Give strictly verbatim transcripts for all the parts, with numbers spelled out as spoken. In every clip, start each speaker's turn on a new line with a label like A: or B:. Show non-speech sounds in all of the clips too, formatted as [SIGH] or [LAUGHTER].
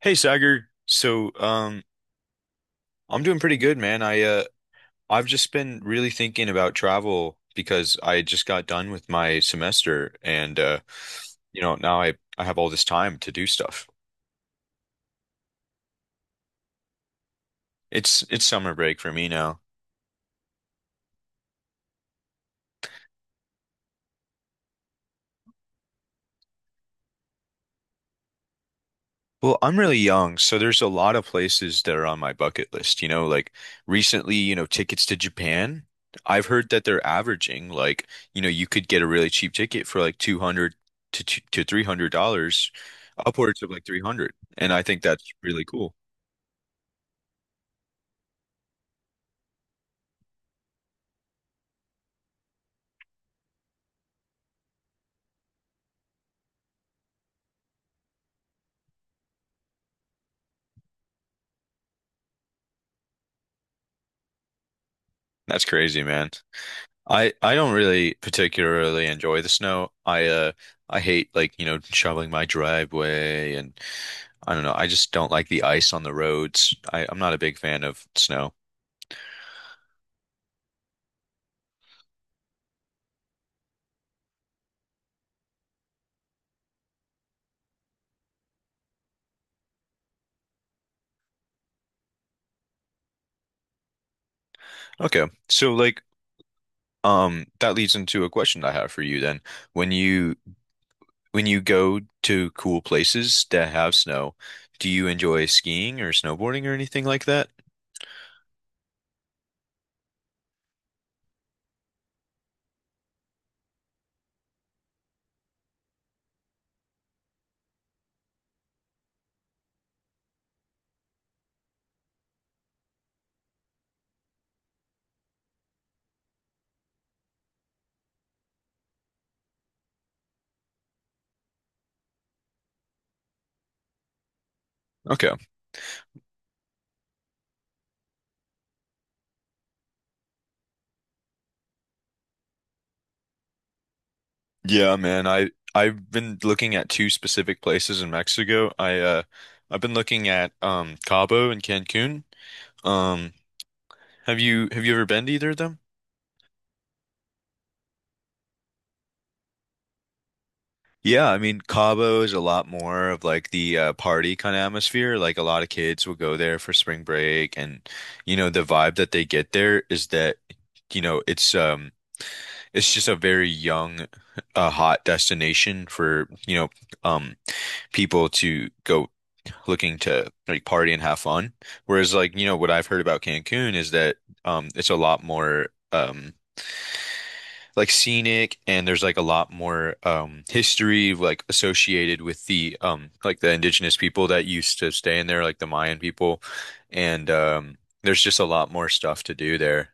A: Hey Sagar. so um I'm doing pretty good, man. I uh I've just been really thinking about travel because I just got done with my semester and uh you know now I I have all this time to do stuff. It's it's summer break for me now. Well, I'm really young, so there's a lot of places that are on my bucket list. You know, like recently, you know, tickets to Japan. I've heard that they're averaging, like, you know, you could get a really cheap ticket for like two hundred to two, to three hundred dollars, upwards of like three hundred. And I think that's really cool. That's crazy, man. I I don't really particularly enjoy the snow. I uh I hate, like, you know, shoveling my driveway, and I don't know, I just don't like the ice on the roads. I I'm not a big fan of snow. Okay. So, like um that leads into a question I have for you then. When you when you go to cool places that have snow, do you enjoy skiing or snowboarding or anything like that? Okay. Yeah, man. I I've been looking at two specific places in Mexico. I uh I've been looking at um Cabo and Cancun. Um have you have you ever been to either of them? Yeah, I mean Cabo is a lot more of like the uh, party kind of atmosphere. Like a lot of kids will go there for spring break, and you know the vibe that they get there is that you know it's um it's just a very young, uh, hot destination for, you know, um, people to go looking to like party and have fun. Whereas, like, you know, what I've heard about Cancun is that um it's a lot more, um like, scenic, and there's like a lot more um history, like, associated with the um like the indigenous people that used to stay in there, like the Mayan people, and um there's just a lot more stuff to do there.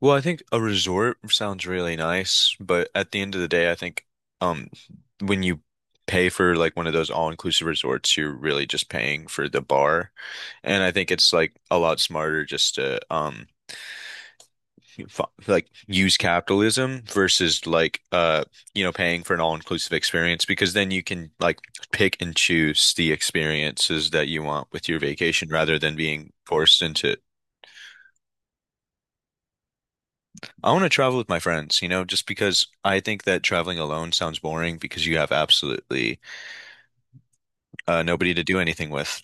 A: Well, I think a resort sounds really nice, but at the end of the day, I think, um when you pay for like one of those all-inclusive resorts, you're really just paying for the bar. And I think it's like a lot smarter just to um f like use capitalism versus, like, uh you know paying for an all-inclusive experience, because then you can like pick and choose the experiences that you want with your vacation rather than being forced into I want to travel with my friends, you know, just because I think that traveling alone sounds boring, because you have absolutely uh, nobody to do anything with.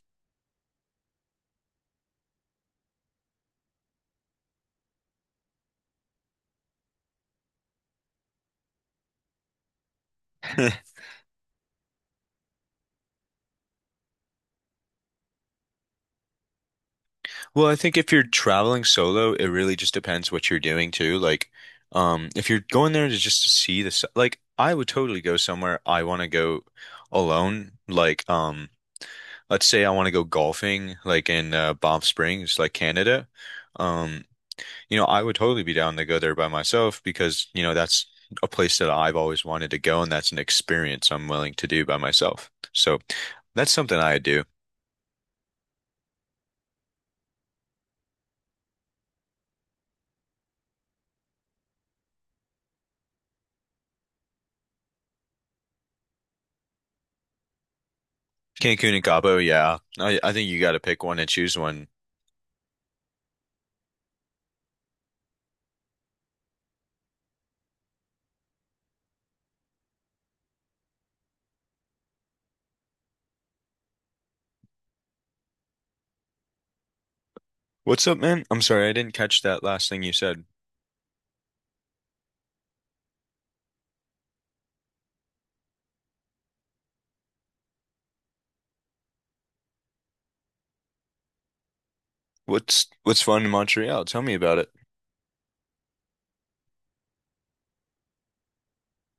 A: [LAUGHS] Well, I think if you're traveling solo, it really just depends what you're doing too. Like, um, if you're going there to just to see the, s- like, I would totally go somewhere I want to go alone. Like, um, let's say I want to go golfing, like in uh, Banff Springs, like Canada. Um, you know, I would totally be down to go there by myself because, you know, that's a place that I've always wanted to go, and that's an experience I'm willing to do by myself. So that's something I do. Cancun and Cabo, yeah. I, I think you got to pick one and choose one. What's up, man? I'm sorry, I didn't catch that last thing you said. What's what's fun in Montreal? Tell me about it.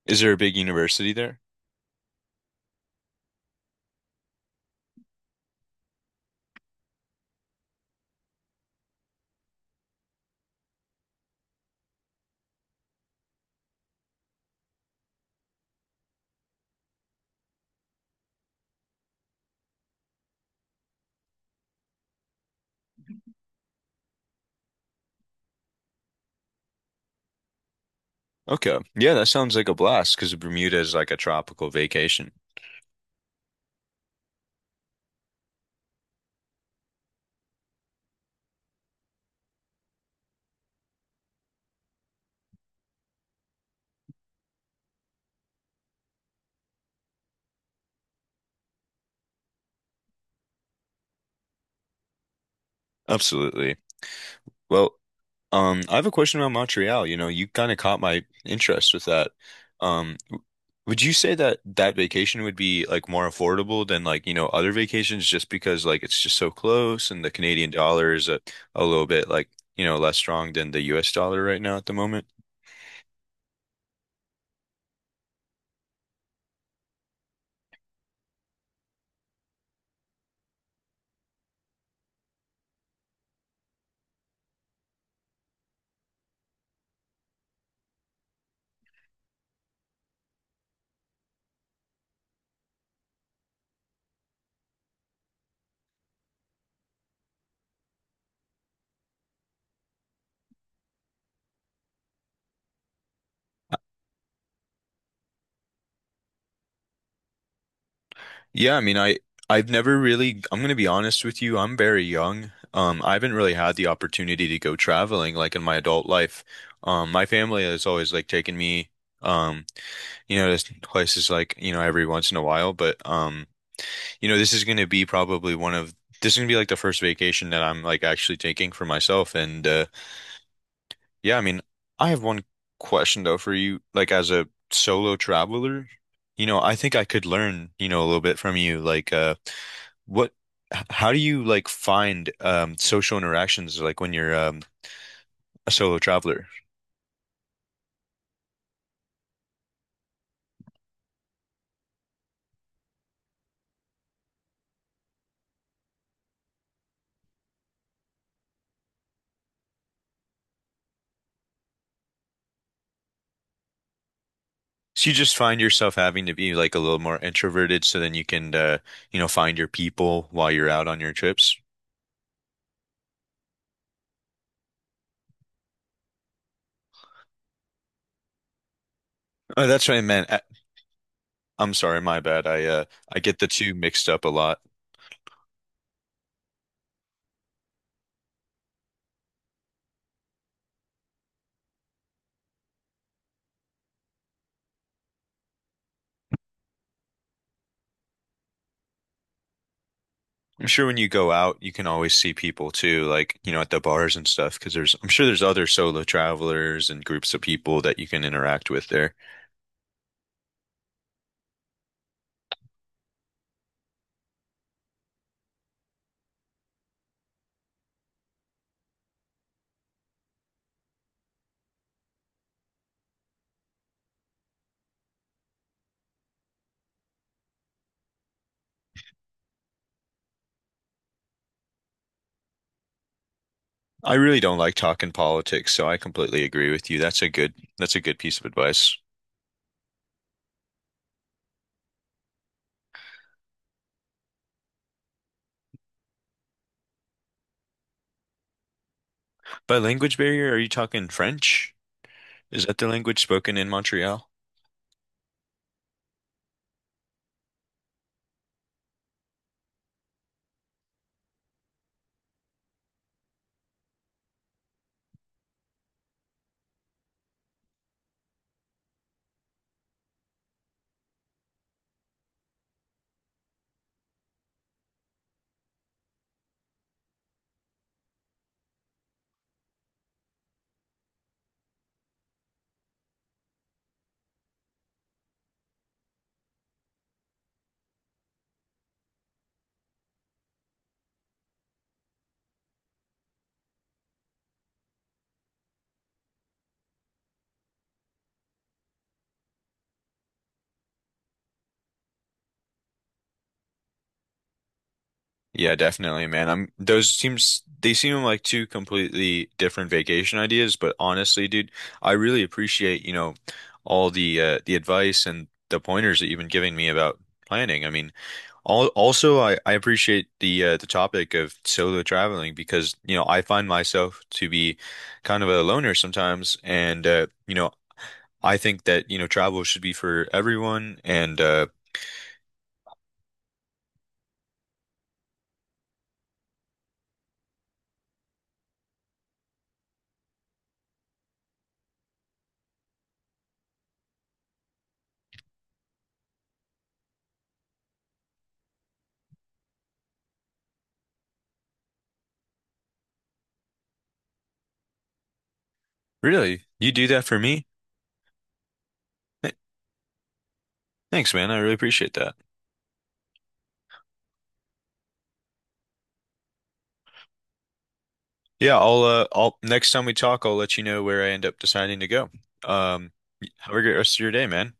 A: Is there a big university there? Okay. Yeah, that sounds like a blast because Bermuda is like a tropical vacation. Absolutely. Well, Um, I have a question about Montreal. You know, you kind of caught my interest with that. Um, w- would you say that that vacation would be like more affordable than, like, you know, other vacations, just because like it's just so close and the Canadian dollar is a, a little bit, like, you know, less strong than the U S dollar right now at the moment? Yeah, I mean, I I've never really, I'm gonna be honest with you, I'm very young. Um, I haven't really had the opportunity to go traveling like in my adult life. Um, my family has always like taken me. Um, you know, this place is like, you know, every once in a while, but um, you know, this is going to be probably one of this is going to be like the first vacation that I'm like actually taking for myself, and uh yeah, I mean, I have one question though for you like as a solo traveler, you know, I think I could learn, you know, a little bit from you, like, uh what h- how do you like find um social interactions, like when you're um a solo traveler? So you just find yourself having to be like a little more introverted, so then you can, uh, you know, find your people while you're out on your trips. Oh, that's what I meant. I- I'm sorry, my bad. I uh I get the two mixed up a lot. I'm sure when you go out, you can always see people too, like, you know, at the bars and stuff, because there's I'm sure there's other solo travelers and groups of people that you can interact with there. I really don't like talking politics, so I completely agree with you. That's a good that's a good piece of advice. By language barrier, are you talking French? Is that the language spoken in Montreal? Yeah, definitely, man. I'm those seems They seem like two completely different vacation ideas, but honestly, dude, I really appreciate, you know, all the uh, the advice and the pointers that you've been giving me about planning. I mean, all, also, I, I appreciate the uh, the topic of solo traveling because, you know, I find myself to be kind of a loner sometimes, and uh, you know, I think that, you know, travel should be for everyone. And uh Really, you do that for me? Th- Thanks, man. I really appreciate that. Yeah, I'll uh I'll next time we talk, I'll let you know where I end up deciding to go. Um, have a great rest of your day, man.